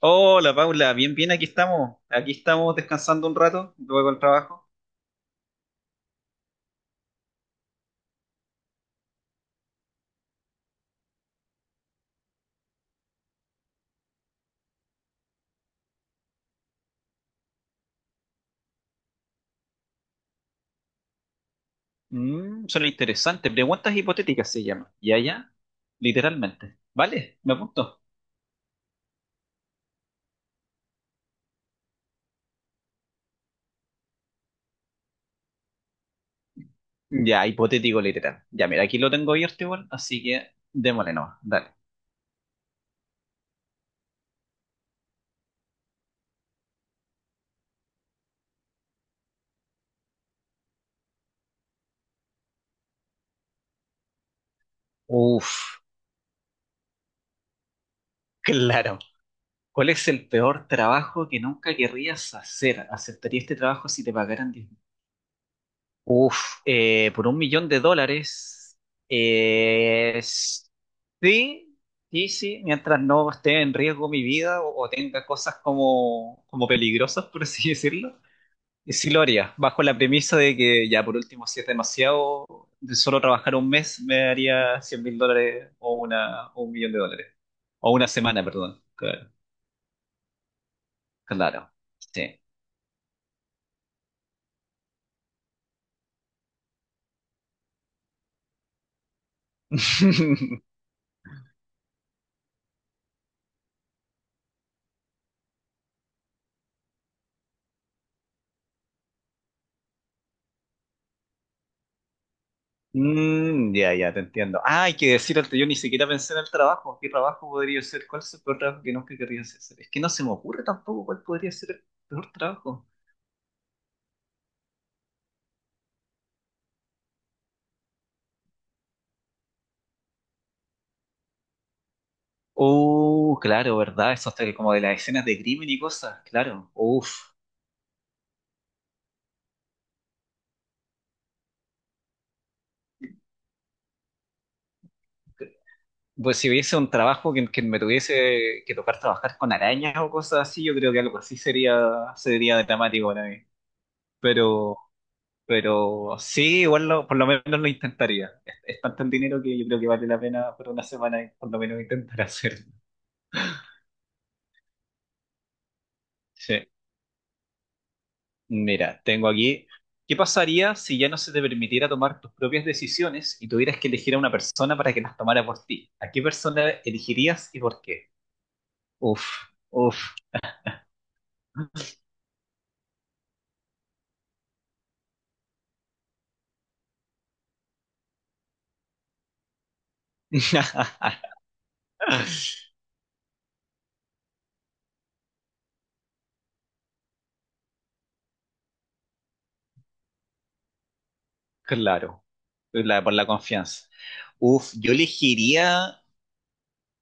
Hola Paula, bien, bien, aquí estamos. Aquí estamos descansando un rato, luego del trabajo. Suena interesante. Preguntas hipotéticas se llama. Ya, ya. Literalmente. ¿Vale? ¿Me apunto? Ya, hipotético literal. Ya, mira, aquí lo tengo abierto igual, así que démosle nomás. Dale. Uf, claro. ¿Cuál es el peor trabajo que nunca querrías hacer? ¿Aceptarías este trabajo si te pagaran 10? Uf, por 1 millón de dólares. eh, sí, sí, sí, mientras no esté en riesgo mi vida o tenga cosas como peligrosas, por así decirlo. Y sí lo haría, bajo la premisa de que ya por último, si es demasiado, de solo trabajar un mes me daría 100.000 dólares o 1 millón de dólares. O una semana, perdón. Claro, claro, sí. Ya, ya, te entiendo. Ah, hay que decir antes, yo ni siquiera pensé en el trabajo. ¿Qué trabajo podría ser? ¿Cuál es el peor trabajo que nunca querría hacer? Es que no se me ocurre tampoco cuál podría ser el peor trabajo. Oh, claro, ¿verdad? Eso hasta como de las escenas de crimen y cosas, claro. Uf. Pues si hubiese un trabajo que me tuviese que tocar trabajar con arañas o cosas así, yo creo que algo así sería dramático para mí. Pero Pero sí, igual por lo menos lo intentaría. Es tanto el dinero que yo creo que vale la pena por una semana por lo menos intentar hacerlo. Sí. Mira, tengo aquí. ¿Qué pasaría si ya no se te permitiera tomar tus propias decisiones y tuvieras que elegir a una persona para que las tomara por ti? ¿A qué persona elegirías y por qué? Uf, uf. Claro, por la confianza. Uf, yo elegiría,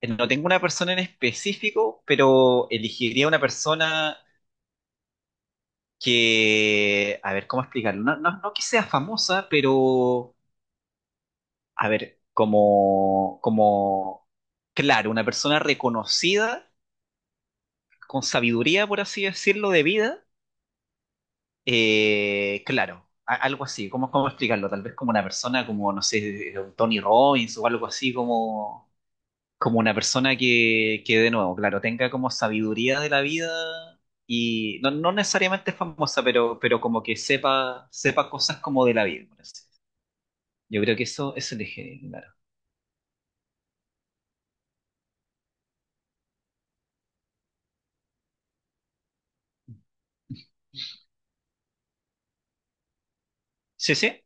no tengo una persona en específico, pero elegiría una persona que, a ver, ¿cómo explicarlo? No, no, no que sea famosa, pero, a ver, como, claro, una persona reconocida, con sabiduría, por así decirlo, de vida, claro, algo así, ¿cómo explicarlo? Tal vez como una persona como, no sé, un Tony Robbins o algo así, como una persona que, de nuevo, claro, tenga como sabiduría de la vida. Y no necesariamente famosa, pero como que sepa cosas como de la vida, por así. Yo creo que eso elegí, claro. Sí, sí.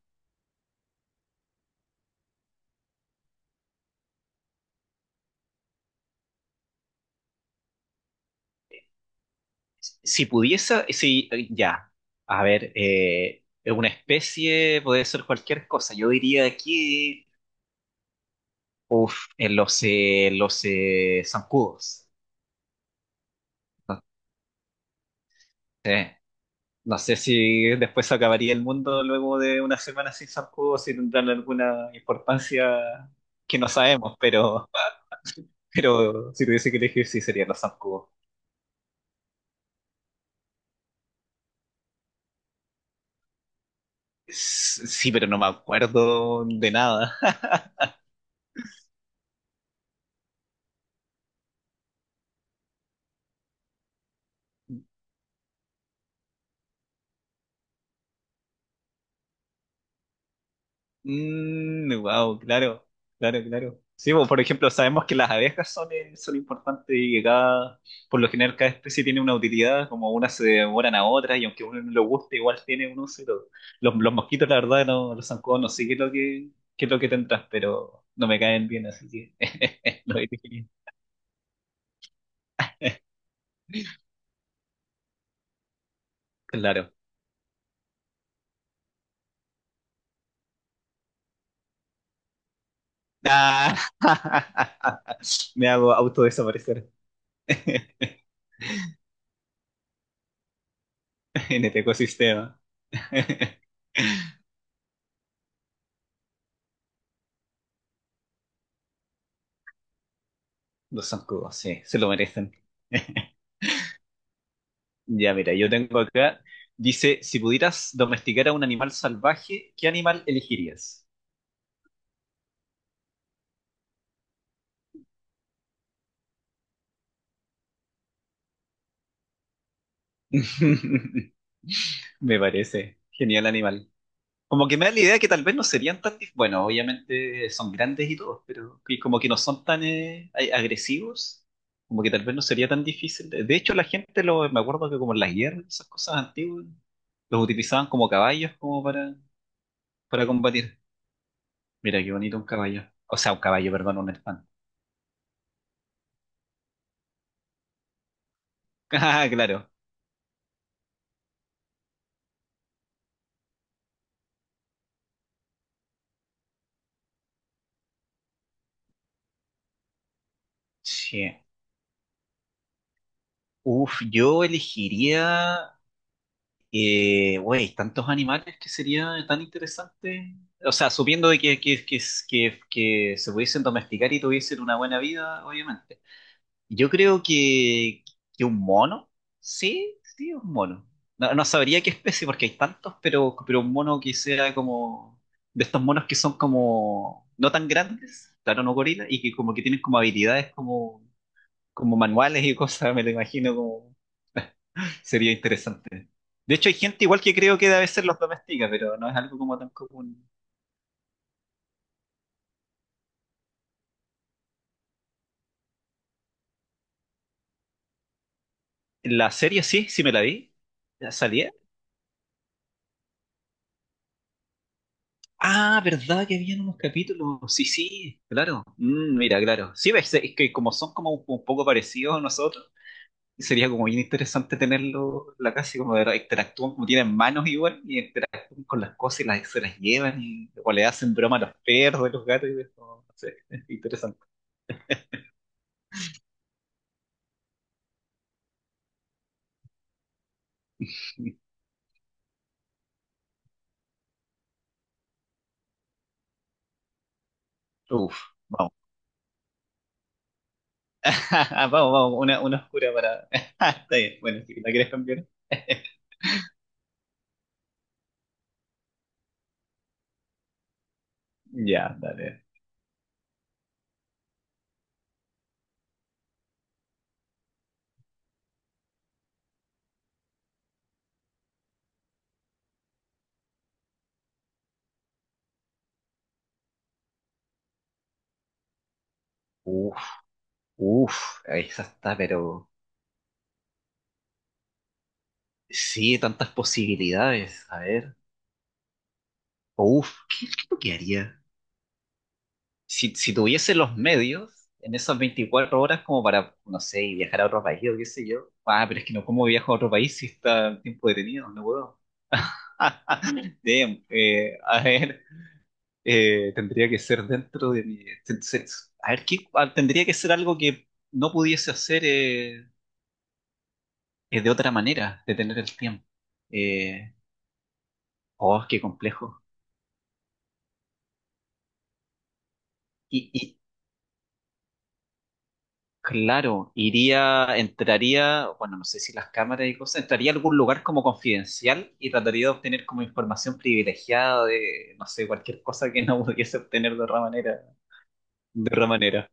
Si pudiese, sí, ya. A ver, una especie puede ser cualquier cosa. Yo diría aquí en los zancudos. No sé, no sé si después acabaría el mundo luego de una semana sin zancudos, si tendrán alguna importancia que no sabemos, pero, pero si tuviese que elegir, sí serían los zancudos. Sí, pero no me acuerdo de nada. Wow, claro, claro, claro. Sí, pues, por ejemplo, sabemos que las abejas son importantes y que cada, por lo general, cada especie tiene una utilidad, como unas se devoran a otras, y aunque uno no lo guste, igual tiene un uso y todo. Los mosquitos, la verdad, no, los zancudos, no sé qué es lo que tendrás, pero no me caen bien, así que lo dije. Claro. Ah, me hago autodesaparecer en este ecosistema. Los zancudos, sí, se lo merecen. Ya, mira, yo tengo acá, dice, si pudieras domesticar a un animal salvaje, ¿qué animal elegirías? Me parece genial animal. Como que me da la idea que tal vez no serían. Bueno, obviamente son grandes y todos, pero que como que no son tan agresivos, como que tal vez no sería tan difícil. De hecho, la gente, me acuerdo que como en las guerras, esas cosas antiguas, los utilizaban como caballos como para combatir. Mira, qué bonito un caballo. O sea, un caballo, perdón, un elefante. Ah, claro. Sí. Uf, yo elegiría, güey, tantos animales que sería tan interesante. O sea, supiendo de que se pudiesen domesticar y tuviesen una buena vida, obviamente. Yo creo que un mono, sí, sí, un mono. No, no sabría qué especie porque hay tantos, pero un mono que sea como de estos monos que son como no tan grandes, claro, no gorilas, y que como que tienen como habilidades como manuales y cosas, me lo imagino como. Sería interesante. De hecho, hay gente igual que creo que a veces los domestica, pero no es algo como tan común. La serie sí, sí me la vi. ¿Ya salía? Ah, ¿verdad que habían unos capítulos? Sí, sí, claro. Mira, claro. Sí, ves, es que como son como un poco parecidos a nosotros, sería como bien interesante tenerlo en la casa y como ver, interactúan, como tienen manos igual, y interactúan con las cosas y se las llevan, o le hacen broma a los perros, a los gatos, y es como, no sé, interesante. Uf. Vamos. Vamos, vamos, una oscura para. Está bien, bueno, si la quieres cambiar. Ya, dale. Uf, uf, esa está, pero. Sí, tantas posibilidades. A ver. Uf, ¿qué es lo que haría? Si tuviese los medios en esas 24 horas como para, no sé, viajar a otro país o qué sé yo. Ah, pero es que no, ¿cómo viajo a otro país si está el tiempo detenido? No puedo. Damn, a ver. Tendría que ser dentro de mi. A ver, tendría que ser algo que no pudiese hacer de otra manera, de tener el tiempo. Eh, oh, qué complejo. Y claro, iría, entraría, bueno, no sé si las cámaras y cosas, entraría a algún lugar como confidencial y trataría de obtener como información privilegiada de, no sé, cualquier cosa que no pudiese obtener de otra manera. De otra manera.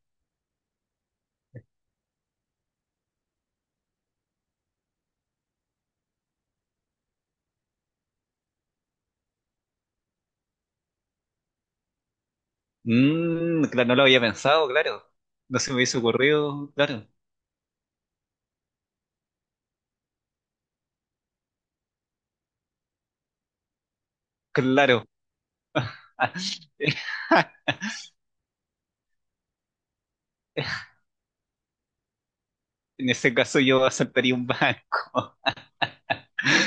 Claro, no lo había pensado, claro. No se me hubiese ocurrido, claro. Claro. En ese caso yo aceptaría un banco,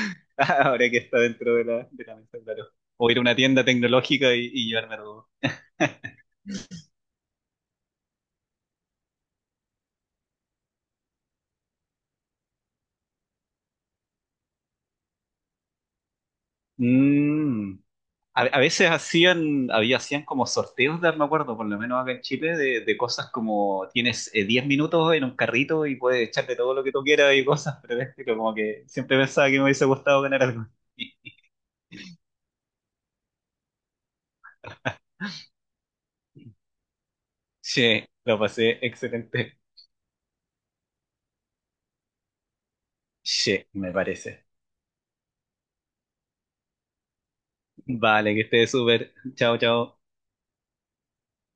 ahora que está dentro de la mesa, claro. O ir a una tienda tecnológica y llevarme algo. Mm. A veces hacían como sorteos de, me acuerdo, por lo menos acá en Chile, de cosas como tienes 10 minutos en un carrito y puedes echarle todo lo que tú quieras y cosas, pero es que como que siempre pensaba que me hubiese gustado ganar algo. Sí, lo pasé excelente. Sí, me parece. Vale, que estés súper. Chao, chao.